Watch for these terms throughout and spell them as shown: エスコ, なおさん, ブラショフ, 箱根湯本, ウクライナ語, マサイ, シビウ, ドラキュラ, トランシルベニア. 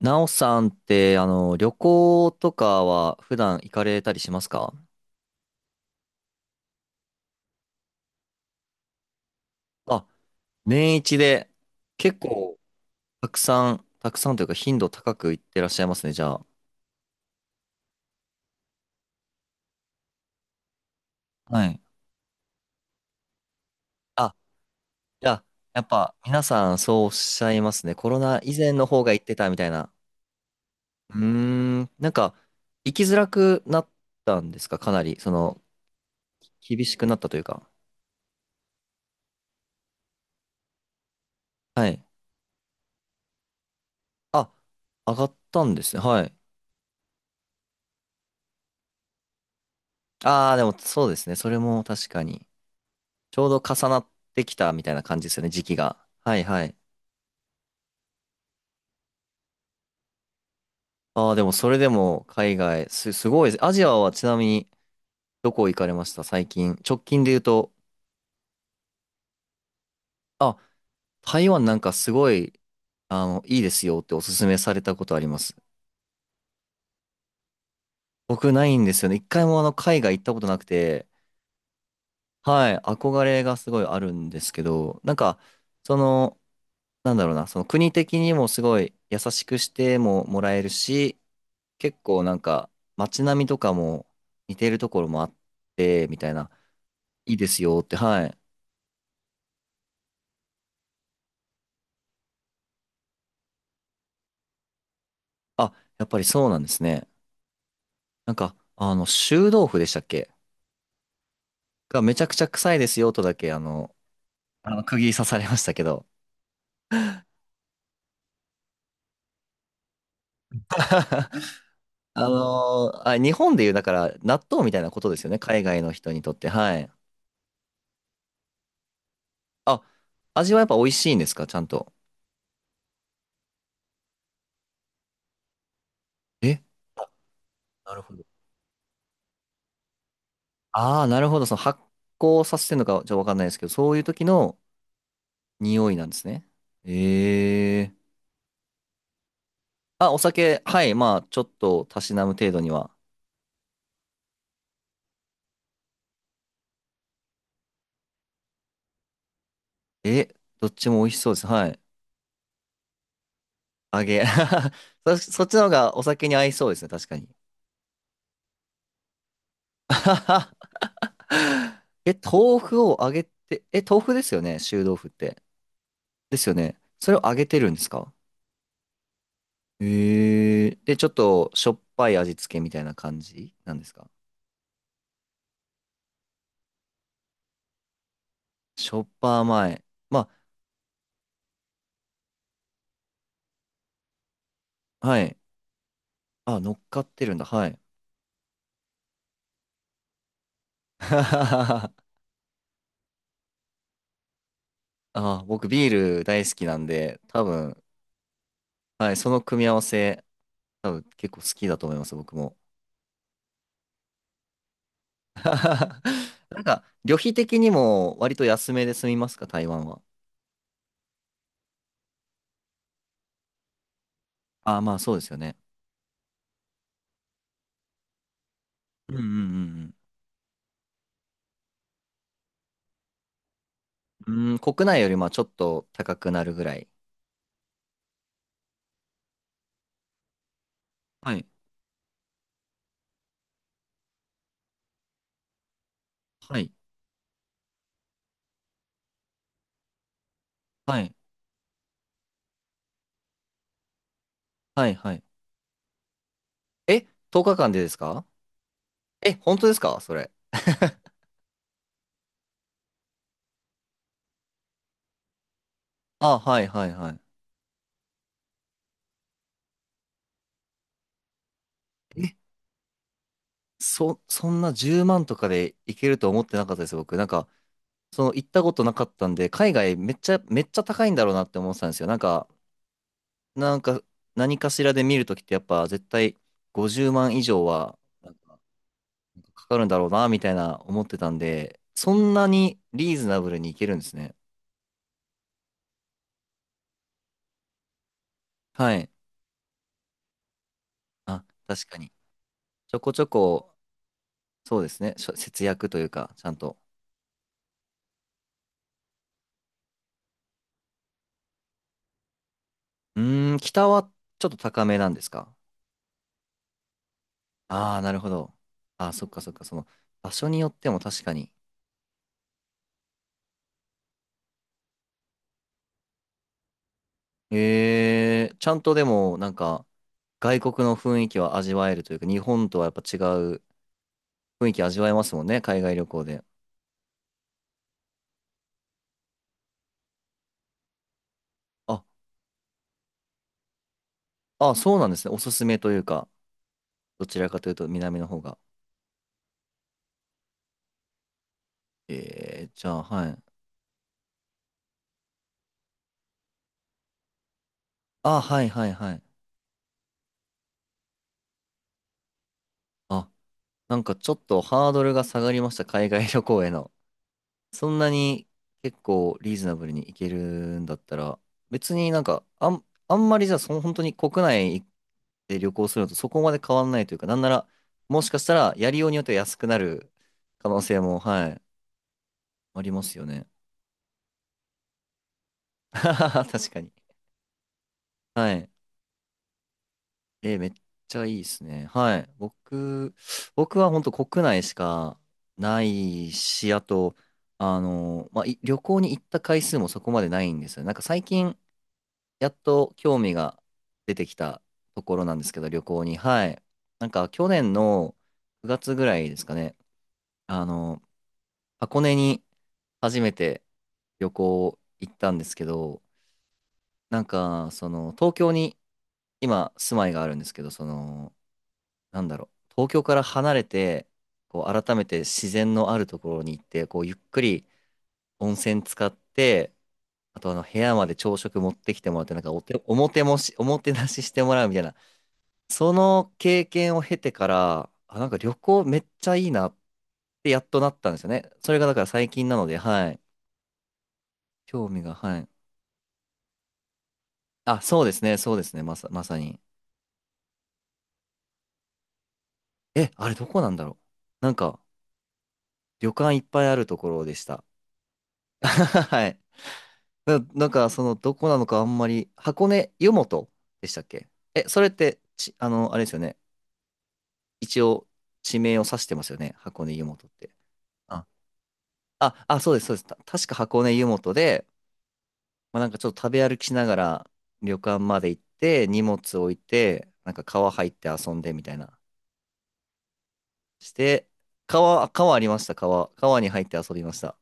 なおさんって、旅行とかは普段行かれたりしますか？あ、年一で結構たくさん、たくさんというか頻度高く行ってらっしゃいますね、じゃあ。はい。あ、じゃあ、やっぱ皆さんそうおっしゃいますね。コロナ以前の方が行ってたみたいな。うーなんか、行きづらくなったんですか？かなり、その、厳しくなったというか。はい。あ、上がったんですね。はい。ああ、でもそうですね。それも確かに。ちょうど重なってきたみたいな感じですよね、時期が。はいはい。ああ、でもそれでも海外、すごいです。アジアはちなみにどこ行かれました最近？直近で言うと、あ、台湾なんかすごい、いいですよっておすすめされたことあります。僕ないんですよね。一回も海外行ったことなくて、はい、憧れがすごいあるんですけど、なんか、その、なんだろうな、その国的にもすごい優しくしてももらえるし、結構なんか街並みとかも似てるところもあって、みたいな、いいですよって、はい。あ、やっぱりそうなんですね。なんか、臭豆腐でしたっけ？がめちゃくちゃ臭いですよとだけ、あの釘刺されましたけど。日本でいう、だから納豆みたいなことですよね。海外の人にとって。はい。あ、味はやっぱ美味しいんですか？ちゃんと。えあなるほど。ああ、なるほど。その発酵させてるのかちょっとわかんないですけど、そういう時の匂いなんですね。ええ、あ、お酒、はい。まあ、ちょっとたしなむ程度には。え、どっちも美味しそうです。はい。揚げ。そっちの方がお酒に合いそうですね。確かに。え、豆腐を揚げて、え、豆腐ですよね。臭豆腐って。ですよね。それを揚げてるんですか？ええ、で、ちょっとしょっぱい味付けみたいな感じなんですか？しょっぱ甘い。まあ、はい。あ、乗っかってるんだ。はい。あー、僕ビール大好きなんで、多分、はい、その組み合わせ、多分結構好きだと思います、僕も。なんか、旅費的にも割と安めで済みますか、台湾は？ああ、まあそうですよね。うんうんうんうん。うん、国内よりまあちょっと高くなるぐらい。はい。はい。はい。はい。はい。え、10日間でですか？え、本当ですかそれ。あ、はいはいはい。そんな10万とかで行けると思ってなかったです、僕。なんか、その行ったことなかったんで、海外めっちゃ、めっちゃ高いんだろうなって思ってたんですよ。なんか、なんか、何かしらで見るときってやっぱ絶対50万以上はなんかかかるんだろうな、みたいな思ってたんで、そんなにリーズナブルに行けるんですね。はい。あ、確かに。ちょこちょこ、そうですね。節約というか、ちゃんと。うーん、北はちょっと高めなんですか？ああ、なるほど。ああ、そっかそっか、その、場所によっても確かに。えー、ちゃんとでも、なんか、外国の雰囲気は味わえるというか、日本とはやっぱ違う雰囲気味わえますもんね、海外旅行で。あ、あ、そうなんですね。おすすめというか、どちらかというと南の方が。えーじゃあ、はい。あ、はいはいはい。あ、なんかちょっとハードルが下がりました、海外旅行への。そんなに結構リーズナブルにいけるんだったら、別になんか、あんまりじゃあその本当に国内で旅行するのとそこまで変わんないというか、なんなら、もしかしたらやりようによっては安くなる可能性も、はい、ありますよね。確かに。はい。えーめっちゃいいですね。はい。僕は本当国内しかないし、あと、まあ、旅行に行った回数もそこまでないんですよね。なんか最近、やっと興味が出てきたところなんですけど、旅行に。はい。なんか去年の9月ぐらいですかね、あの、箱根に初めて旅行行ったんですけど、なんか、その、東京に今住まいがあるんですけど、その、なんだろう、東京から離れて、こう、改めて自然のあるところに行って、こう、ゆっくり温泉使って、あとあの部屋まで朝食持ってきてもらって、なんかおもてなししてもらうみたいなその経験を経てから、あ、なんか旅行めっちゃいいなってやっとなったんですよね。それがだから最近なので、はい。興味が、はい。あ、そうですね、そうですね、まさに。え、あれどこなんだろう。なんか、旅館いっぱいあるところでした。はい。なんか、その、どこなのかあんまり、箱根湯本でしたっけ？え、それって、ち、あの、あれですよね。一応、地名を指してますよね。箱根湯本って。あ、そうです、そうです。確か箱根湯本で、まあ、なんかちょっと食べ歩きしながら旅館まで行って荷物置いてなんか川入って遊んでみたいなして、川ありました。川に入って遊びました。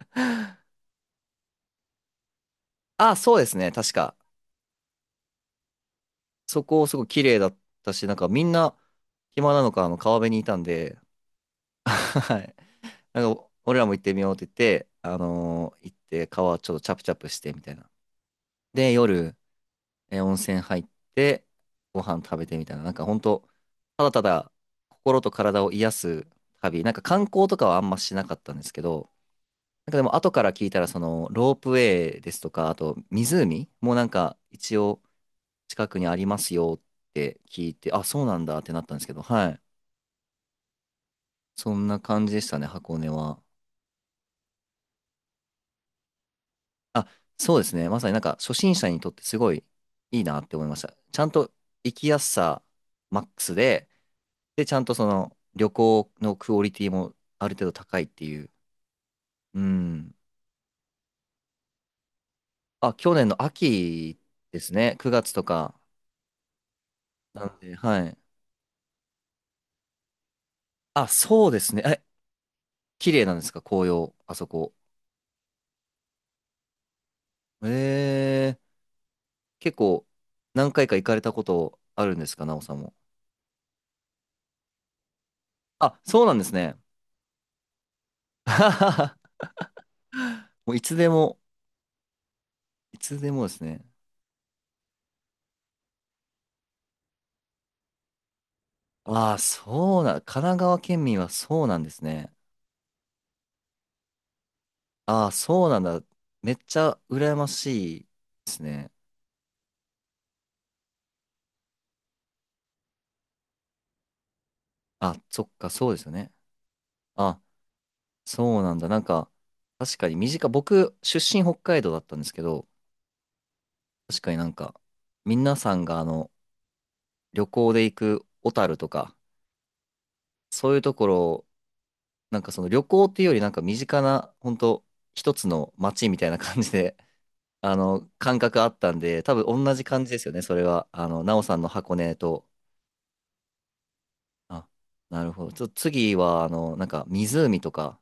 あ、そうですね、確かそこすごい綺麗だったし、なんかみんな暇なのかあの川辺にいたんで。 はい、なんか俺らも行ってみようって言って行って川ちょっとチャプチャプしてみたいなで、夜えー温泉入ってご飯食べてみたいな、なんか本当ただただ心と体を癒す旅、なんか観光とかはあんましなかったんですけど、なんかでも後から聞いたらそのロープウェイですとか、あと湖もなんか一応近くにありますよって聞いて、あ、そうなんだってなったんですけど、はい。そんな感じでしたね、箱根は。あ、そうですね。まさになんか初心者にとってすごいいいなって思いました。ちゃんと行きやすさマックスで、で、ちゃんとその旅行のクオリティもある程度高いっていう。うん。あ、去年の秋ですね。9月とか。なんで、はい。あ、そうですね。え、綺麗なんですか紅葉、あそこ？えー、結構何回か行かれたことあるんですか、なおさんも？あ、そうなんですね。あはははもういつでも、いつでもですね。ああ、そうな、神奈川県民はそうなんですね。ああ、そうなんだ。めっちゃ羨ましいですね。あ、そっか、そうですよね。あ、そうなんだ。なんか、確かに身近、僕、出身北海道だったんですけど、確かになんか、皆さんが旅行で行く小樽とか、そういうところ、なんかその旅行っていうよりなんか身近な、本当一つの街みたいな感じで、感覚あったんで、多分同じ感じですよね、それは。奈緒さんの箱根と。あ、なるほど。ちょっと次は、なんか湖とか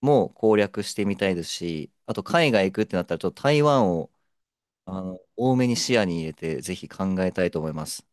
も攻略してみたいですし、あと海外行くってなったら、ちょっと台湾をあの多めに視野に入れて、ぜひ考えたいと思います。